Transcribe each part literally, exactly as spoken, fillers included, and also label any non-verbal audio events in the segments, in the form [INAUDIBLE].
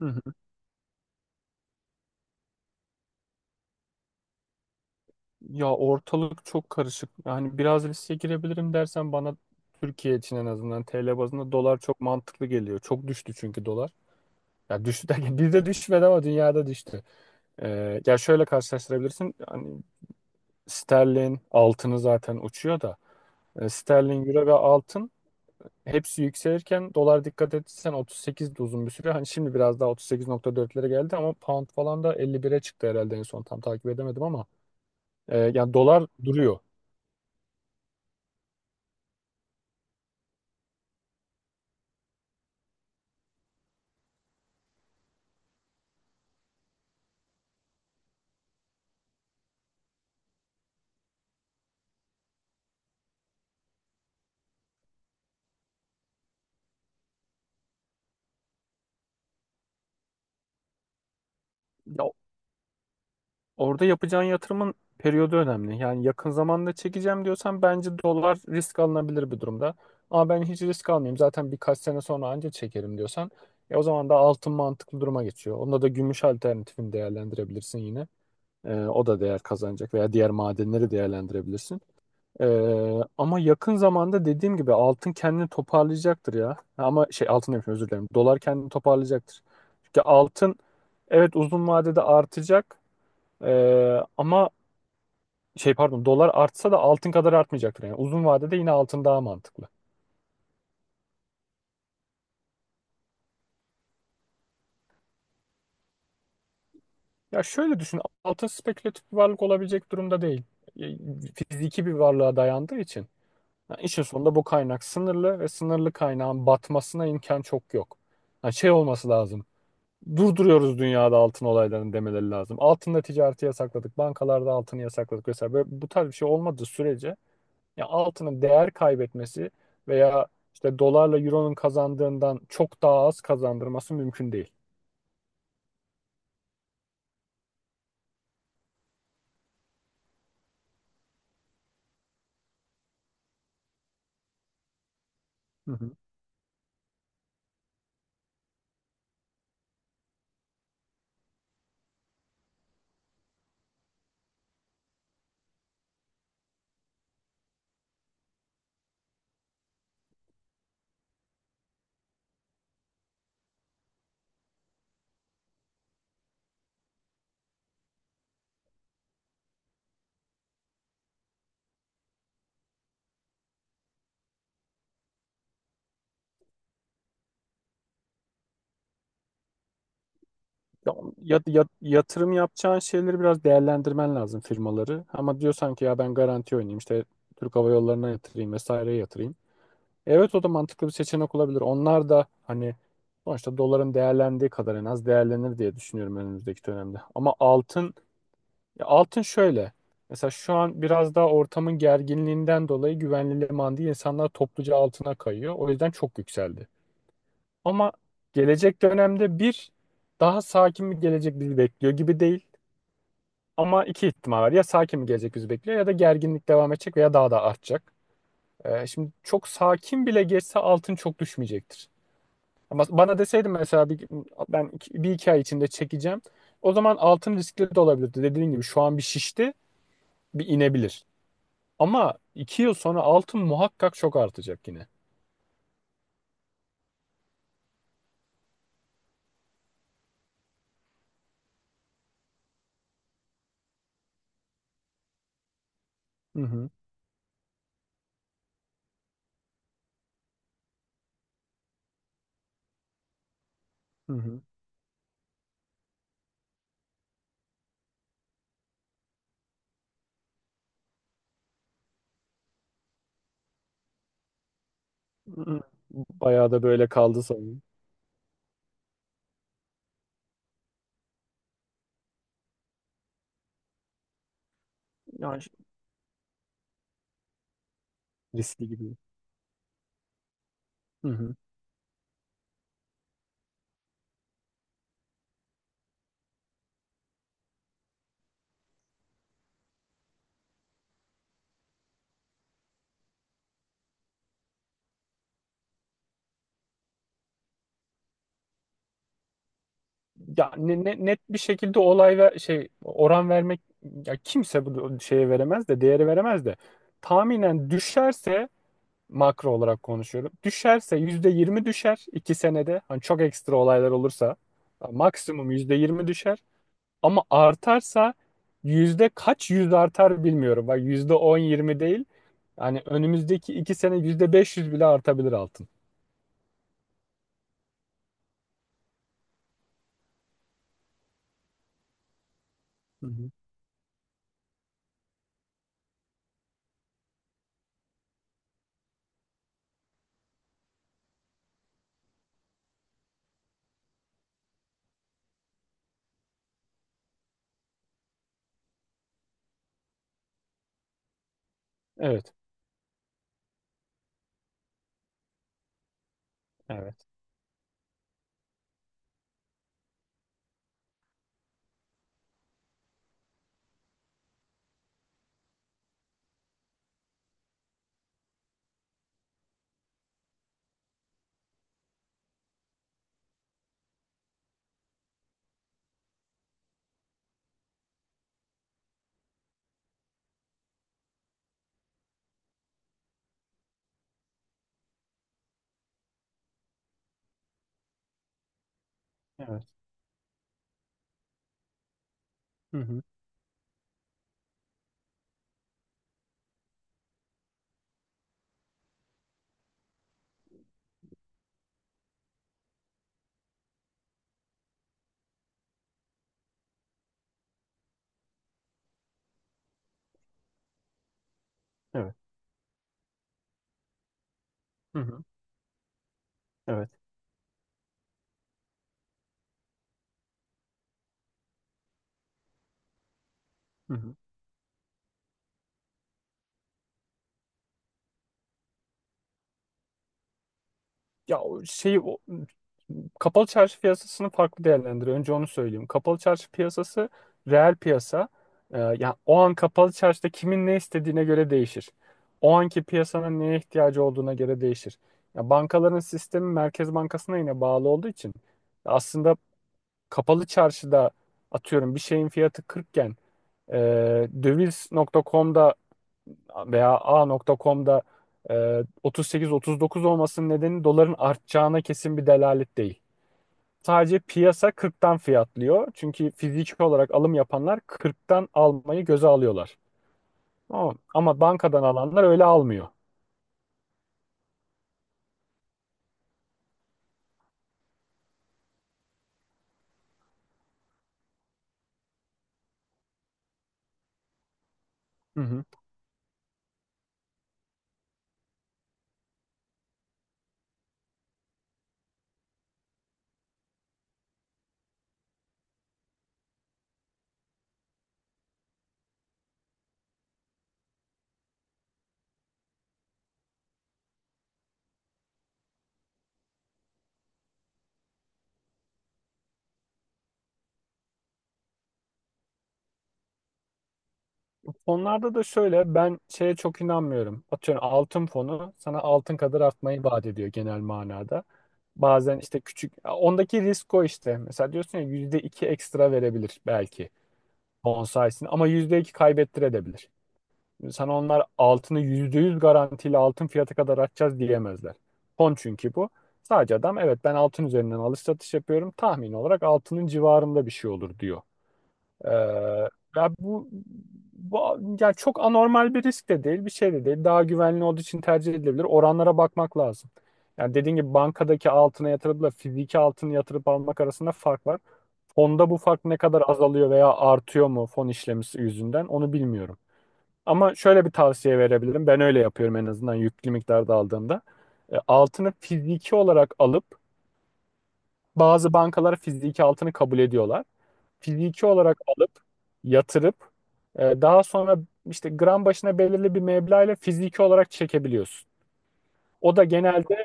Hı hı. Ya ortalık çok karışık. Yani biraz riske girebilirim dersen bana Türkiye için en azından T L bazında dolar çok mantıklı geliyor. Çok düştü çünkü dolar. Ya düştü derken [LAUGHS] bizde düşmedi ama dünyada düştü. Ee, ya şöyle karşılaştırabilirsin. Hani sterlin altını zaten uçuyor da. E, Sterlin, Euro ve altın hepsi yükselirken dolar dikkat etsen otuz sekiz de uzun bir süre. Hani şimdi biraz daha otuz sekiz nokta dörtlere geldi ama pound falan da elli bire çıktı herhalde en son tam takip edemedim ama e, yani dolar duruyor. Orada yapacağın yatırımın periyodu önemli. Yani yakın zamanda çekeceğim diyorsan bence dolar risk alınabilir bir durumda. Ama ben hiç risk almayayım zaten birkaç sene sonra anca çekerim diyorsan e o zaman da altın mantıklı duruma geçiyor. Onda da gümüş alternatifini değerlendirebilirsin yine. E, o da değer kazanacak veya diğer madenleri değerlendirebilirsin. E, Ama yakın zamanda dediğim gibi altın kendini toparlayacaktır ya. Ama şey altın demişim, özür dilerim. Dolar kendini toparlayacaktır. Çünkü altın evet uzun vadede artacak. Ee, ama şey pardon dolar artsa da altın kadar artmayacaktır. Yani uzun vadede yine altın daha mantıklı. Ya şöyle düşün, altın spekülatif bir varlık olabilecek durumda değil. E, Fiziki bir varlığa dayandığı için. Yani işin sonunda bu kaynak sınırlı ve sınırlı kaynağın batmasına imkan çok yok. Yani şey olması lazım. Durduruyoruz dünyada altın olaylarını demeleri lazım. Altında ticareti yasakladık, bankalarda altını yasakladık vesaire. Böyle, bu tarz bir şey olmadığı sürece ya altının değer kaybetmesi veya işte dolarla euronun kazandığından çok daha az kazandırması mümkün değil. Hı hı. Ya- ya- ya- yatırım yapacağın şeyleri biraz değerlendirmen lazım, firmaları. Ama diyorsan ki ya ben garanti oynayayım işte Türk Hava Yolları'na yatırayım, vesaireye yatırayım. Evet, o da mantıklı bir seçenek olabilir. Onlar da hani sonuçta doların değerlendiği kadar en az değerlenir diye düşünüyorum önümüzdeki dönemde. Ama altın, ya altın şöyle. Mesela şu an biraz daha ortamın gerginliğinden dolayı güvenli liman değil, insanlar topluca altına kayıyor. O yüzden çok yükseldi. Ama gelecek dönemde bir daha sakin bir gelecek bizi bekliyor gibi değil. Ama iki ihtimal var. Ya sakin bir gelecek bizi bekliyor ya da gerginlik devam edecek veya daha da artacak. Ee, şimdi çok sakin bile geçse altın çok düşmeyecektir. Ama bana deseydin mesela bir, ben iki- bir iki ay içinde çekeceğim. O zaman altın riskli de olabilirdi. Dediğin gibi şu an bir şişti, bir inebilir. Ama iki yıl sonra altın muhakkak çok artacak yine. Hı hı. Hı hı. Hı. Bayağı da böyle kaldı sanırım. Yani ş- Riskli gibi. Hı hı. Ya ne- ne- net bir şekilde olay ve şey, oran vermek, ya kimse bu şeye veremez de, değeri veremez de, tahminen düşerse, makro olarak konuşuyorum. Düşerse yüzde yirmi düşer iki senede. Hani çok ekstra olaylar olursa ya maksimum yüzde yirmi düşer. Ama artarsa yüzde kaç yüz artar bilmiyorum. Bak, yüzde on yirmi değil. Yani önümüzdeki iki sene yüzde beş yüz bile artabilir altın. Hı hı. Evet. Evet. Evet. Hı hı. Evet. Hı hı. Evet. Hı hı. Ya o şey o, kapalı çarşı piyasasını farklı değerlendiriyor. Önce onu söyleyeyim. Kapalı çarşı piyasası reel piyasa. Ee, yani o an kapalı çarşıda kimin ne istediğine göre değişir. O anki piyasanın neye ihtiyacı olduğuna göre değişir. Ya bankaların sistemi Merkez Bankası'na yine bağlı olduğu için, aslında kapalı çarşıda atıyorum bir şeyin fiyatı kırk iken e, döviz nokta com'da veya a A.com'da e, otuz sekiz otuz dokuz olmasının nedeni doların artacağına kesin bir delalet değil. Sadece piyasa kırktan fiyatlıyor. Çünkü fiziki olarak alım yapanlar kırktan almayı göze alıyorlar. Ama, ama bankadan alanlar öyle almıyor. Hı hı. Fonlarda da şöyle, ben şeye çok inanmıyorum. Atıyorum altın fonu sana altın kadar artmayı vaat ediyor genel manada. Bazen işte küçük ondaki risk o işte. Mesela diyorsun ya, yüzde iki ekstra verebilir belki. Bonsais'in ama yüzde iki kaybettirebilir. Sana onlar altını yüzde yüz garantiyle altın fiyatı kadar atacağız diyemezler. Fon çünkü bu. Sadece adam evet ben altın üzerinden alış satış yapıyorum, tahmin olarak altının civarında bir şey olur diyor. Ee, ya bu, bu yani çok anormal bir risk de değil, bir şey de değil. Daha güvenli olduğu için tercih edilebilir. Oranlara bakmak lazım. Yani dediğin gibi bankadaki altına yatırıpla fiziki altını yatırıp almak arasında fark var. Fonda bu fark ne kadar azalıyor veya artıyor mu fon işlemisi yüzünden onu bilmiyorum. Ama şöyle bir tavsiye verebilirim. Ben öyle yapıyorum en azından yüklü miktarda aldığımda. E, Altını fiziki olarak alıp, bazı bankalar fiziki altını kabul ediyorlar. Fiziki olarak alıp yatırıp e, daha sonra işte gram başına belirli bir meblağ ile fiziki olarak çekebiliyorsun. O da genelde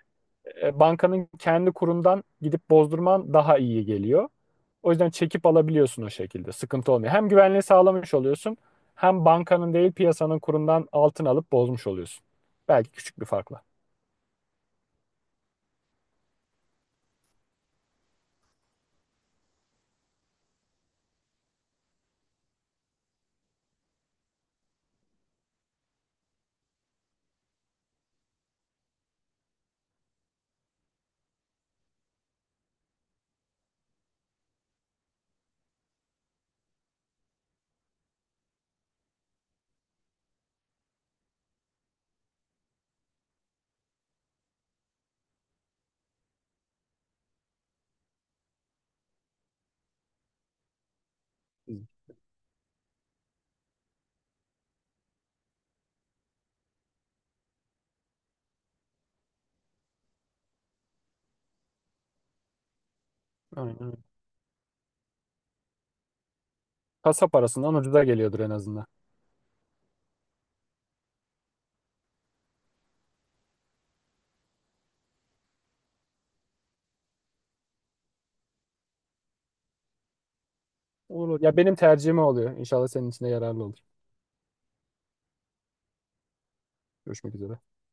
e, bankanın kendi kurundan gidip bozdurman daha iyi geliyor. O yüzden çekip alabiliyorsun o şekilde. Sıkıntı olmuyor. Hem güvenliği sağlamış oluyorsun, hem bankanın değil piyasanın kurundan altın alıp bozmuş oluyorsun. Belki küçük bir farkla. Aynen öyle. Kasa parasından ucuza geliyordur en azından. Olur. Ya benim tercihim o oluyor. İnşallah senin için de yararlı olur. Görüşmek üzere.